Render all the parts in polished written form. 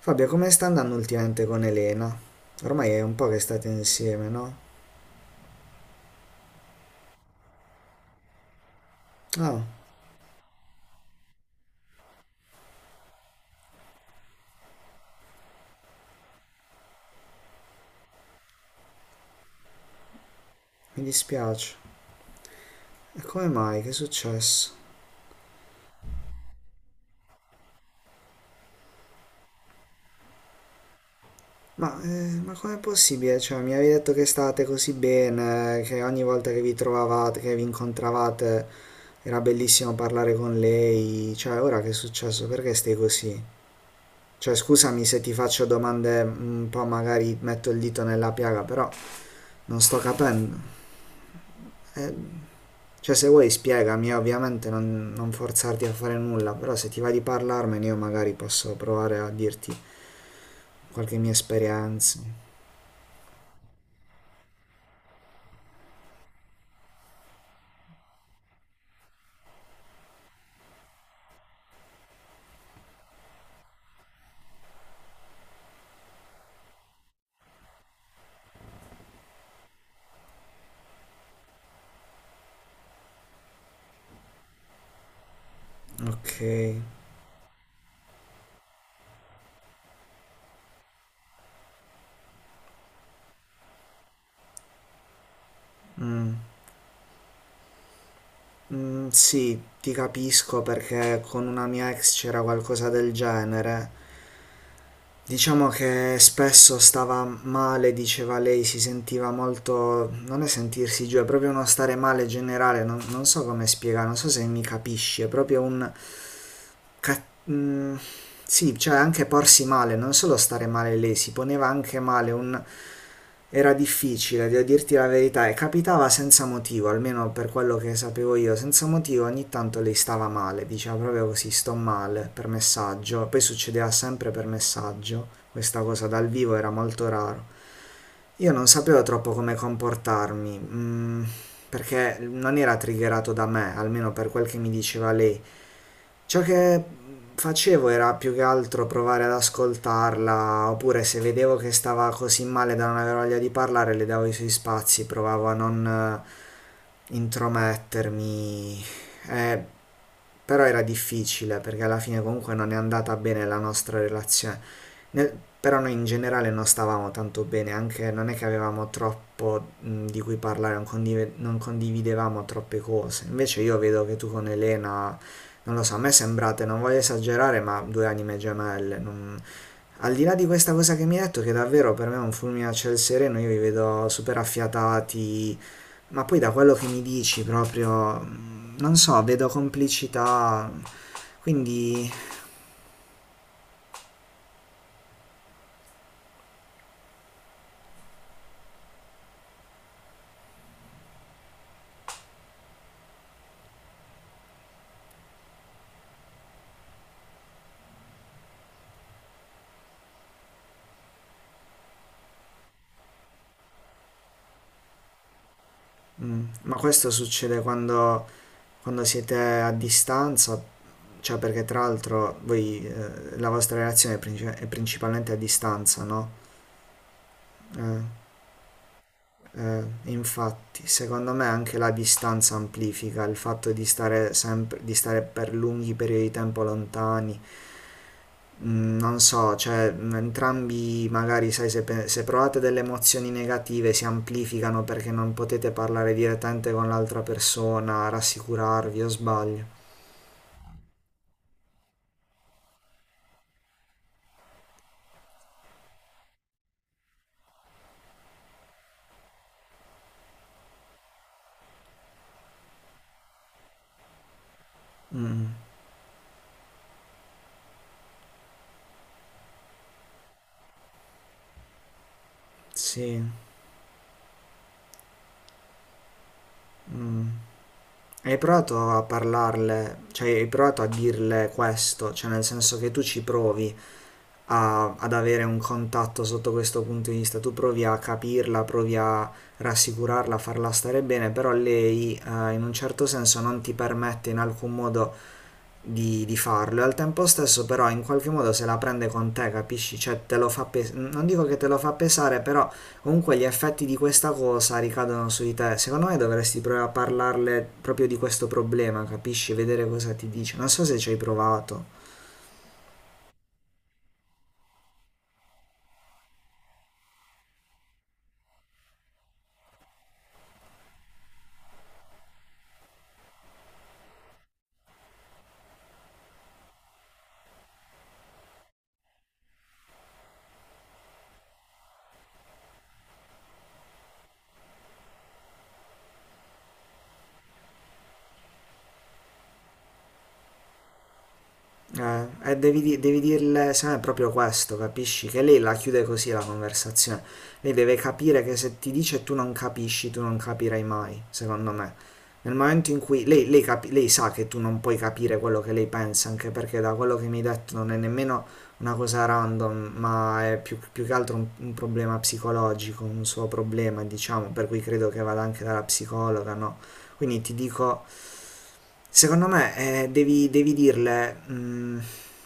Fabio, come sta andando ultimamente con Elena? Ormai è un po' che state insieme, no? Oh, mi dispiace. E come mai? Che è successo? Ma com'è possibile? Cioè, mi avevi detto che state così bene, che ogni volta che vi trovavate, che vi incontravate, era bellissimo parlare con lei. Cioè, ora che è successo? Perché stai così? Cioè, scusami se ti faccio domande un po', magari metto il dito nella piaga, però non sto capendo. Eh, Cioè, se vuoi spiegami, ovviamente non forzarti a fare nulla, però se ti va di parlarmene io magari posso provare a dirti qualche mia esperienza. Ok. Mm, sì, ti capisco perché con una mia ex c'era qualcosa del genere. Diciamo che spesso stava male, diceva lei, si sentiva molto... non è sentirsi giù, è proprio uno stare male generale, non so come spiegare, non so se mi capisci, è proprio un... ca- mm, sì, cioè anche porsi male, non solo stare male lei, si poneva anche male, era difficile, devo dirti la verità, e capitava senza motivo, almeno per quello che sapevo io, senza motivo ogni tanto lei stava male, diceva proprio così, sto male, per messaggio, poi succedeva sempre per messaggio, questa cosa dal vivo era molto raro. Io non sapevo troppo come comportarmi, mm, perché non era triggerato da me, almeno per quel che mi diceva lei. Ciò che facevo era più che altro provare ad ascoltarla, oppure se vedevo che stava così male da non avere voglia di parlare, le davo i suoi spazi, provavo a non intromettermi. Eh, Però era difficile perché alla fine comunque non è andata bene la nostra relazione. Nel- Però noi in generale non stavamo tanto bene, anche non è che avevamo troppo di cui parlare, non condividevamo troppe cose. Invece io vedo che tu con Elena non lo so, a me sembrate, non voglio esagerare, ma due anime gemelle. Al di là di questa cosa che mi hai detto, che davvero per me è un fulmine a ciel sereno, io vi vedo super affiatati, ma poi da quello che mi dici proprio, mm, non so, vedo complicità. Quindi, mm, ma questo succede quando siete a distanza, cioè perché tra l'altro voi, la vostra relazione è, è principalmente a distanza, no? Eh, Eh, Infatti, secondo me anche la distanza amplifica il fatto di stare sempre, di stare per lunghi periodi di tempo lontani. Mm, non so, cioè, mm, entrambi magari, sai, se provate delle emozioni negative si amplificano perché non potete parlare direttamente con l'altra persona, rassicurarvi o sbaglio. Mm, sì. Mm. Hai provato a parlarle, cioè hai provato a dirle questo, cioè nel senso che tu ci provi ad avere un contatto sotto questo punto di vista. Tu provi a capirla, provi a rassicurarla, a farla stare bene, però lei in un certo senso non ti permette in alcun modo di farlo. E al tempo stesso però in qualche modo se la prende con te, capisci? Cioè te lo fa pesare, non dico che te lo fa pesare, però comunque gli effetti di questa cosa ricadono su di te. Secondo me dovresti provare a parlarle proprio di questo problema, capisci? Vedere cosa ti dice. Non so se ci hai provato. E devi dirle, se no è proprio questo, capisci? Che lei la chiude così la conversazione. Lei deve capire che se ti dice e tu non capisci, tu non capirai mai, secondo me. Nel momento in cui lei sa che tu non puoi capire quello che lei pensa, anche perché da quello che mi hai detto non è nemmeno una cosa random, ma è più che altro un problema psicologico, un suo problema, diciamo, per cui credo che vada anche dalla psicologa, no? Quindi ti dico, secondo me devi dirle, mm,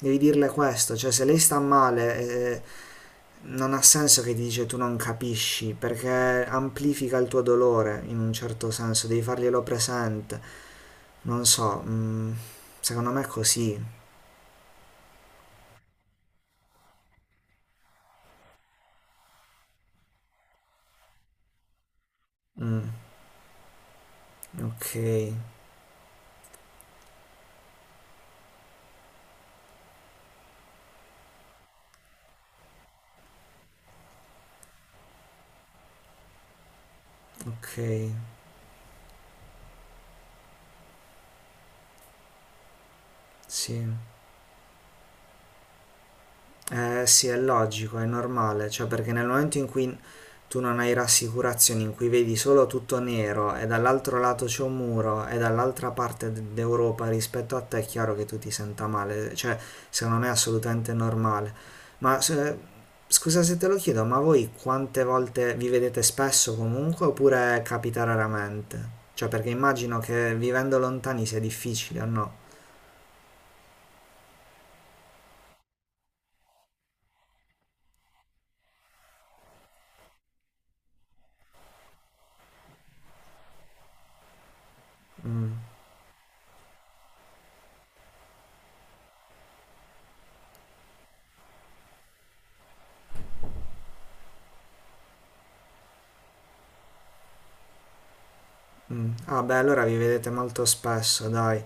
devi dirle questo, cioè se lei sta male, non ha senso che ti dice tu non capisci, perché amplifica il tuo dolore in un certo senso, devi farglielo presente. Non so, mm, secondo me è così. Mm, ok, ok, sì. Eh sì, è logico, è normale, cioè perché nel momento in cui tu non hai rassicurazioni, in cui vedi solo tutto nero e dall'altro lato c'è un muro e dall'altra parte d'Europa rispetto a te, è chiaro che tu ti senta male, cioè secondo me è assolutamente normale. Ma se- Scusa se te lo chiedo, ma voi quante volte vi vedete spesso comunque oppure capita raramente? Cioè perché immagino che vivendo lontani sia difficile, o no? Mm. Ah beh, allora vi vedete molto spesso, dai.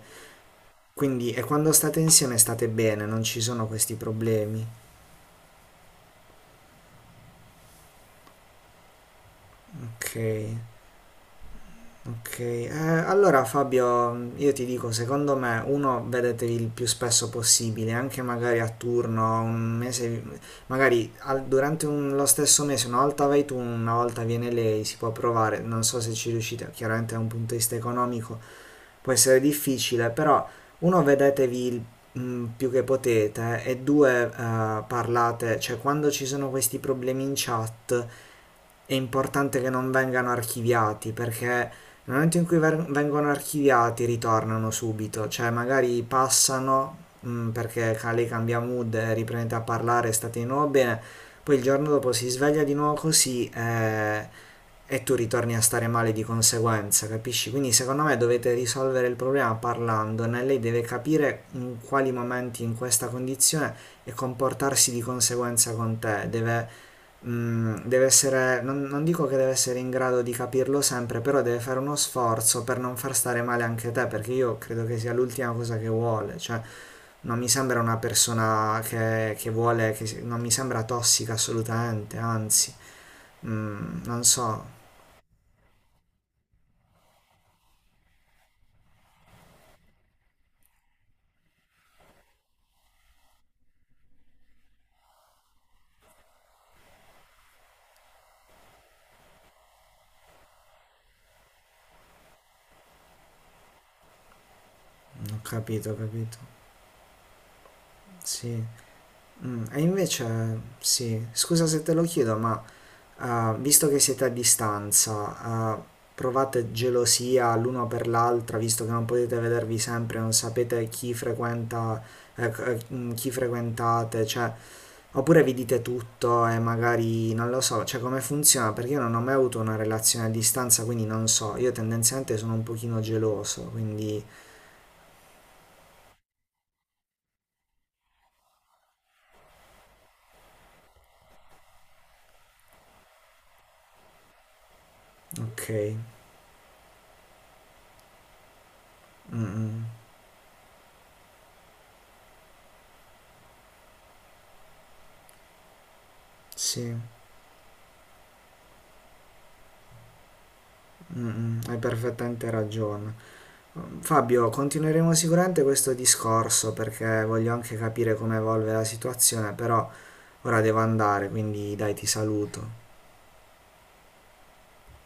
Quindi, e quando state insieme state bene, non ci sono questi problemi. Ok, ok. Allora Fabio, io ti dico, secondo me uno, vedetevi il più spesso possibile, anche magari a turno, un mese, magari al- durante un- lo stesso mese, una volta vai tu, una volta viene lei, si può provare, non so se ci riuscite, chiaramente è un punto di vista economico, può essere difficile, però uno, vedetevi il mm, più che potete e due, parlate, cioè quando ci sono questi problemi in chat è importante che non vengano archiviati perché nel momento in cui vengono archiviati ritornano subito, cioè magari passano mm, perché Kale cambia mood, e riprende a parlare, state di nuovo bene, poi il giorno dopo si sveglia di nuovo così e tu ritorni a stare male di conseguenza, capisci? Quindi secondo me dovete risolvere il problema parlandone, lei deve capire in quali momenti in questa condizione e comportarsi di conseguenza con te, deve essere, non dico che deve essere in grado di capirlo sempre, però deve fare uno sforzo per non far stare male anche te, perché io credo che sia l'ultima cosa che vuole, cioè non mi sembra una persona che non mi sembra tossica assolutamente, anzi, mm, non so. Ho capito, ho capito. Sì. Mm, e invece, sì, scusa se te lo chiedo, ma visto che siete a distanza, provate gelosia l'uno per l'altra, visto che non potete vedervi sempre, non sapete chi frequenta, mm, chi frequentate, cioè, oppure vi dite tutto e magari non lo so, cioè come funziona, perché io non ho mai avuto una relazione a distanza, quindi non so, io tendenzialmente sono un pochino geloso, quindi ok. Mm, mm. Sì. Mm, hai perfettamente ragione. Fabio, continueremo sicuramente questo discorso perché voglio anche capire come evolve la situazione, però ora devo andare, quindi dai, ti saluto.